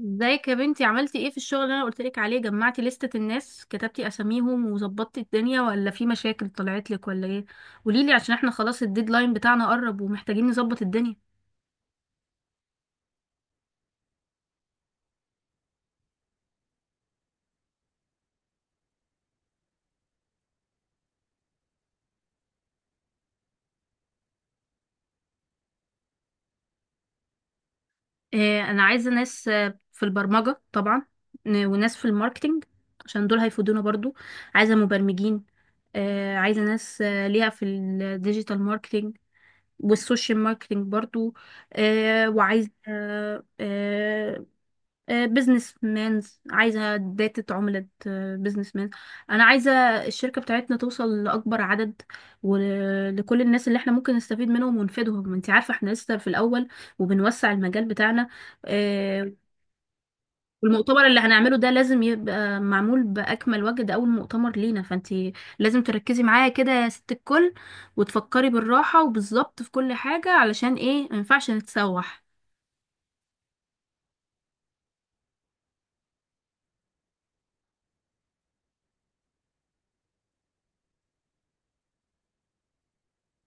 ازيك يا بنتي؟ عملتي ايه في الشغل اللي انا قلتلك عليه؟ جمعتي لستة الناس، كتبتي اساميهم وظبطتي الدنيا، ولا في مشاكل طلعت لك ولا ايه؟ قوليلي عشان احنا خلاص الديدلاين بتاعنا قرب ومحتاجين نظبط الدنيا. اه انا عايزة ناس في البرمجة طبعا، وناس في الماركتينج عشان دول هيفيدونا برضو. عايزة مبرمجين، اه عايزة ناس ليها في الديجيتال ماركتينج والسوشيال ماركتينج برضو. اه وعايزة بزنس مانز، عايزة داتا عملة بزنس مان. أنا عايزة الشركة بتاعتنا توصل لأكبر عدد، ولكل الناس اللي احنا ممكن نستفيد منهم ونفيدهم. انت عارفة احنا لسه في الأول وبنوسع المجال بتاعنا. آه، والمؤتمر اللي هنعمله ده لازم يبقى معمول بأكمل وجه، ده أول مؤتمر لينا، فانت لازم تركزي معايا كده يا ست الكل، وتفكري بالراحة وبالظبط في كل حاجة، علشان ايه؟ مينفعش نتسوح.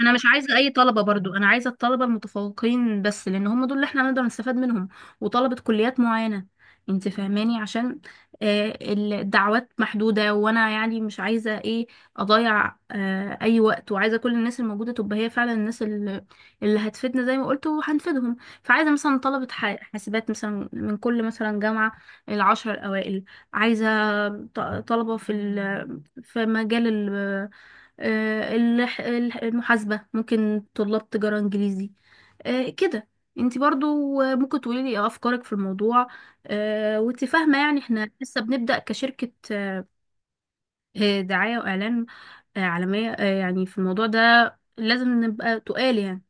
انا مش عايزه اي طلبه برضو، انا عايزه الطلبه المتفوقين بس، لان هم دول اللي احنا نقدر نستفاد منهم، وطلبه كليات معينه. انت فاهماني؟ عشان الدعوات محدوده، وانا يعني مش عايزه ايه اضيع اي وقت، وعايزه كل الناس الموجوده تبقى هي فعلا اللي هتفيدنا زي ما قلت وهنفيدهم. فعايزه مثلا طلبه حاسبات مثلا من كل مثلا جامعه، العشر الاوائل. عايزه ط- طلبه في مجال المحاسبة، ممكن طلاب تجارة انجليزي كده. انت برضو ممكن تقولي لي إيه افكارك في الموضوع؟ وانت فاهمة يعني احنا لسه بنبدأ كشركة دعاية واعلان عالمية، يعني في الموضوع ده لازم نبقى تقال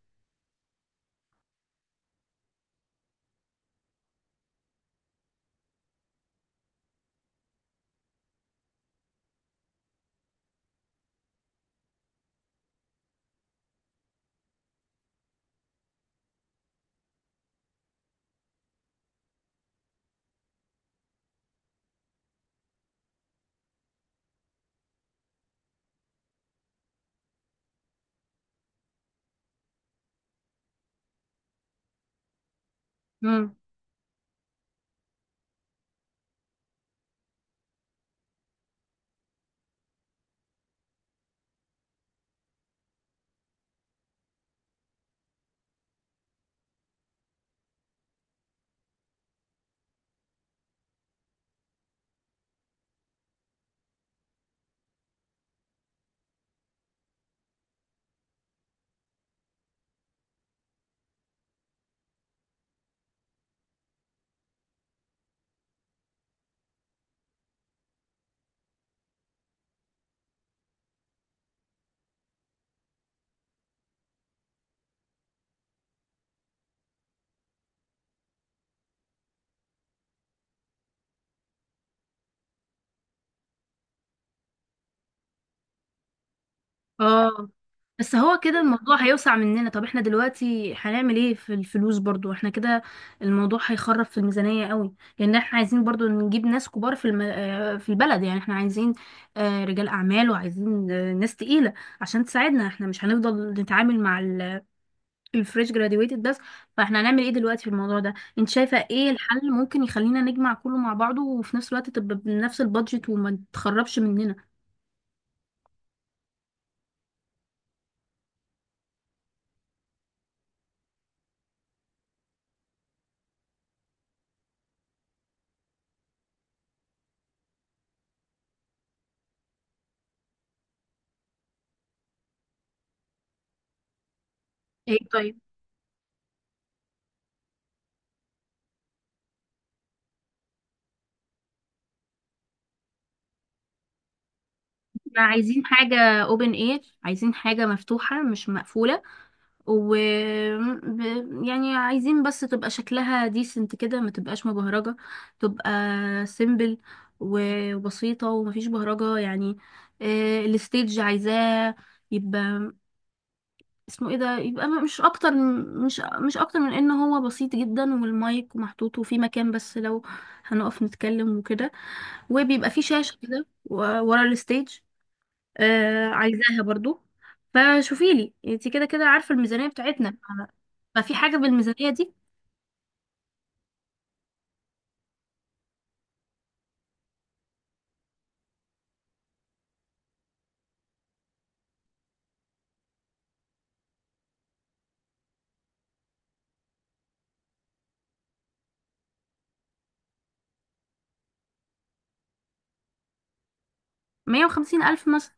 يعني. اه بس هو كده الموضوع هيوسع مننا. طب احنا دلوقتي هنعمل ايه في الفلوس برضو؟ احنا كده الموضوع هيخرب في الميزانية قوي، لان احنا عايزين برضو نجيب ناس كبار في الم... آه، في البلد، يعني احنا عايزين رجال اعمال، وعايزين ناس تقيلة عشان تساعدنا. احنا مش هنفضل نتعامل مع الفريش جراديويتد بس. فاحنا هنعمل ايه دلوقتي في الموضوع ده؟ انت شايفة ايه الحل ممكن يخلينا نجمع كله مع بعضه، وفي نفس الوقت تبقى بنفس البادجت وما تخربش مننا؟ ايه طيب. احنا عايزين حاجة open air، عايزين حاجة مفتوحة مش مقفولة، و يعني عايزين بس تبقى شكلها decent كده، ما تبقاش مبهرجة، تبقى simple وبسيطة ومفيش بهرجة يعني. الستيج عايزاه يبقى اسمه ايه ده، يبقى مش اكتر، مش مش اكتر من ان هو بسيط جدا، والمايك محطوط وفي مكان بس لو هنقف نتكلم وكده، وبيبقى في شاشة كده ورا الستيج، آه عايزاها برضو. فشوفي لي انت، كده كده عارفة الميزانية بتاعتنا، ففي حاجة بالميزانية دي؟ 150 ألف مثلا.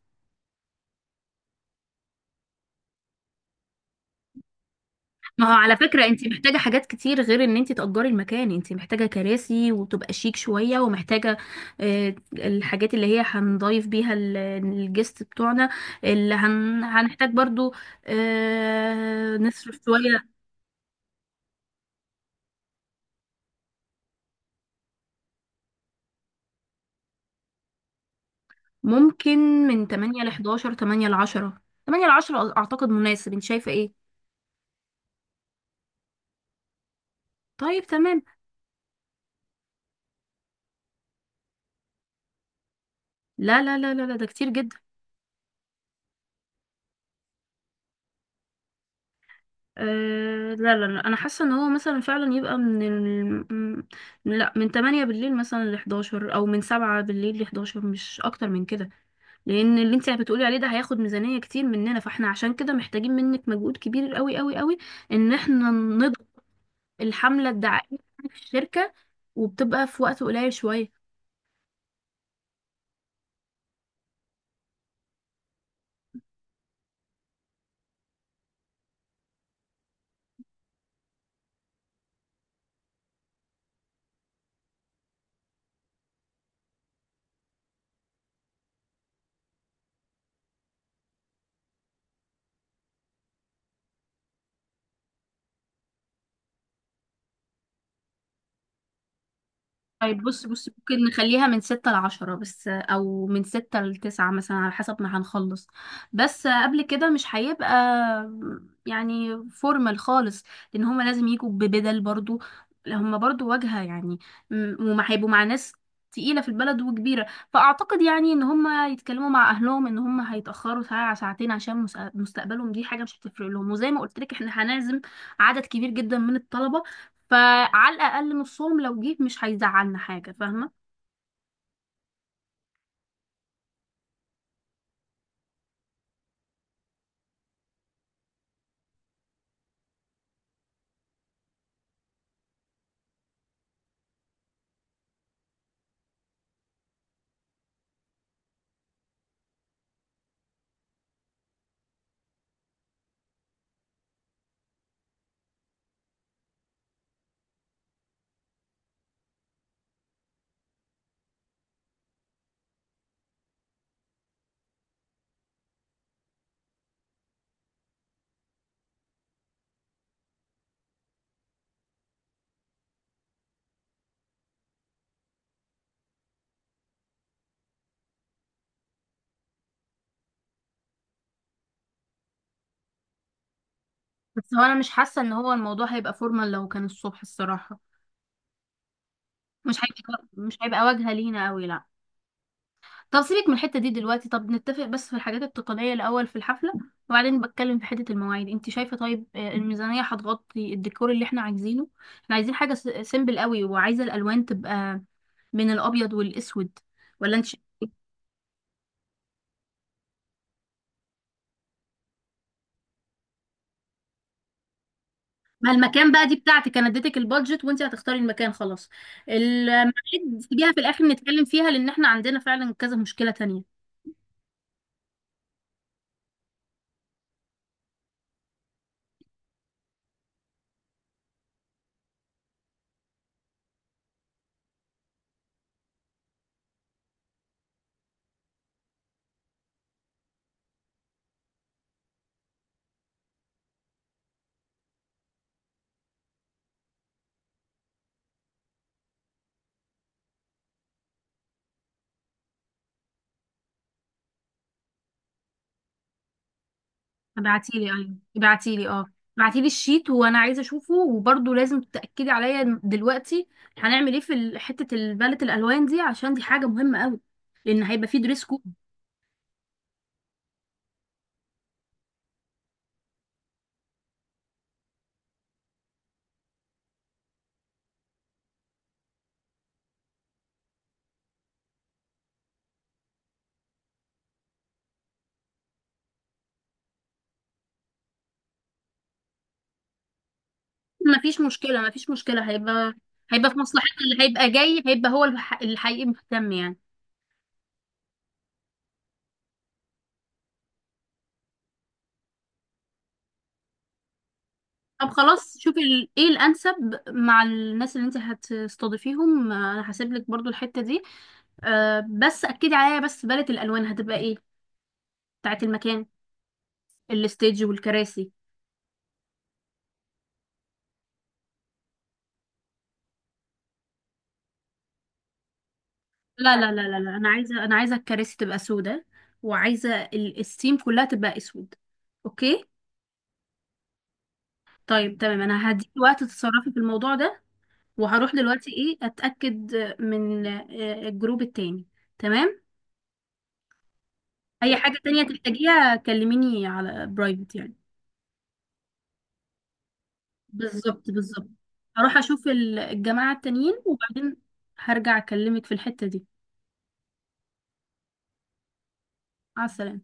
ما هو على فكرة انت محتاجة حاجات كتير غير ان انت تأجري المكان، انت محتاجة كراسي وتبقى شيك شوية، ومحتاجة الحاجات اللي هي هنضيف بيها الجست بتوعنا، اللي هنحتاج برضو نصرف شوية. ممكن من 8 ل 10 أعتقد مناسب، انت شايفة ايه؟ طيب تمام. لا، ده كتير جدا. آه لا لا لا، انا حاسه ان هو مثلا فعلا يبقى لا من 8 بالليل مثلا ل 11، او من 7 بالليل ل 11، مش اكتر من كده. لان اللي انت بتقولي عليه ده هياخد ميزانيه كتير مننا، فاحنا عشان كده محتاجين منك مجهود كبير قوي، ان احنا نضغط الحمله الدعائيه في الشركه، وبتبقى في وقت قليل شويه. طيب بص، ممكن نخليها من 6 ل 10 بس، أو من 6 ل 9 مثلا، على حسب ما هنخلص. بس قبل كده مش هيبقى يعني فورمال خالص، لأن هما لازم يجوا ببدل برضو، هما برضو واجهة يعني، وما هيبقوا مع ناس تقيلة في البلد وكبيرة. فأعتقد يعني إن هما يتكلموا مع أهلهم إن هما هيتأخروا ساعة ساعتين، عشان مستقبلهم. دي حاجة مش هتفرق لهم، وزي ما قلت لك إحنا هنعزم عدد كبير جدا من الطلبة، فعلى الاقل نصهم لو جه مش هيزعلنا حاجه، فاهمه؟ بس هو انا مش حاسه ان هو الموضوع هيبقى فورمال لو كان الصبح الصراحه، مش هيبقى واجهه لينا قوي، لا. طب سيبك من الحته دي دلوقتي، طب نتفق بس في الحاجات التقنيه الاول في الحفله، وبعدين بتكلم في حته المواعيد انت شايفه. طيب الميزانيه هتغطي الديكور اللي احنا عايزينه؟ احنا عايزين حاجه سيمبل قوي، وعايزه الالوان تبقى من الابيض والاسود، ولا انت؟ ما المكان بقى دي بتاعتك، انا اديتك البادجت وانت هتختاري المكان خلاص. الميعاد سيبيها في الاخر نتكلم فيها، لان احنا عندنا فعلا كذا مشكلة تانية. ابعتيلي، ايوه ابعتيلي، اه ابعتيلي الشيت وانا عايزه اشوفه. وبرضه لازم تاكدي عليا دلوقتي هنعمل ايه في حته البالت الالوان دي، عشان دي حاجه مهمه قوي، لان هيبقى في دريس كود. مفيش مشكله، هيبقى، هيبقى في مصلحتنا، اللي هيبقى جاي هيبقى هو الحقيقي مهتم يعني. طب خلاص شوفي ايه الانسب مع الناس اللي انت هتستضيفيهم، انا هسيب لك برضو الحته دي. أه بس اكدي عليا بس، باليت الالوان هتبقى ايه بتاعت المكان، الستيج والكراسي؟ لا، انا عايزه، انا عايزه الكراسي تبقى سودة، وعايزه السيم كلها تبقى اسود، اوكي؟ طيب تمام انا هديكي وقت تتصرفي في الموضوع ده، وهروح دلوقتي ايه اتاكد من الجروب التاني. تمام. اي حاجه تانية تحتاجيها كلميني على برايفت يعني. بالظبط بالظبط. هروح اشوف الجماعة التانيين، وبعدين هرجع اكلمك في الحتة دي. مع السلامة.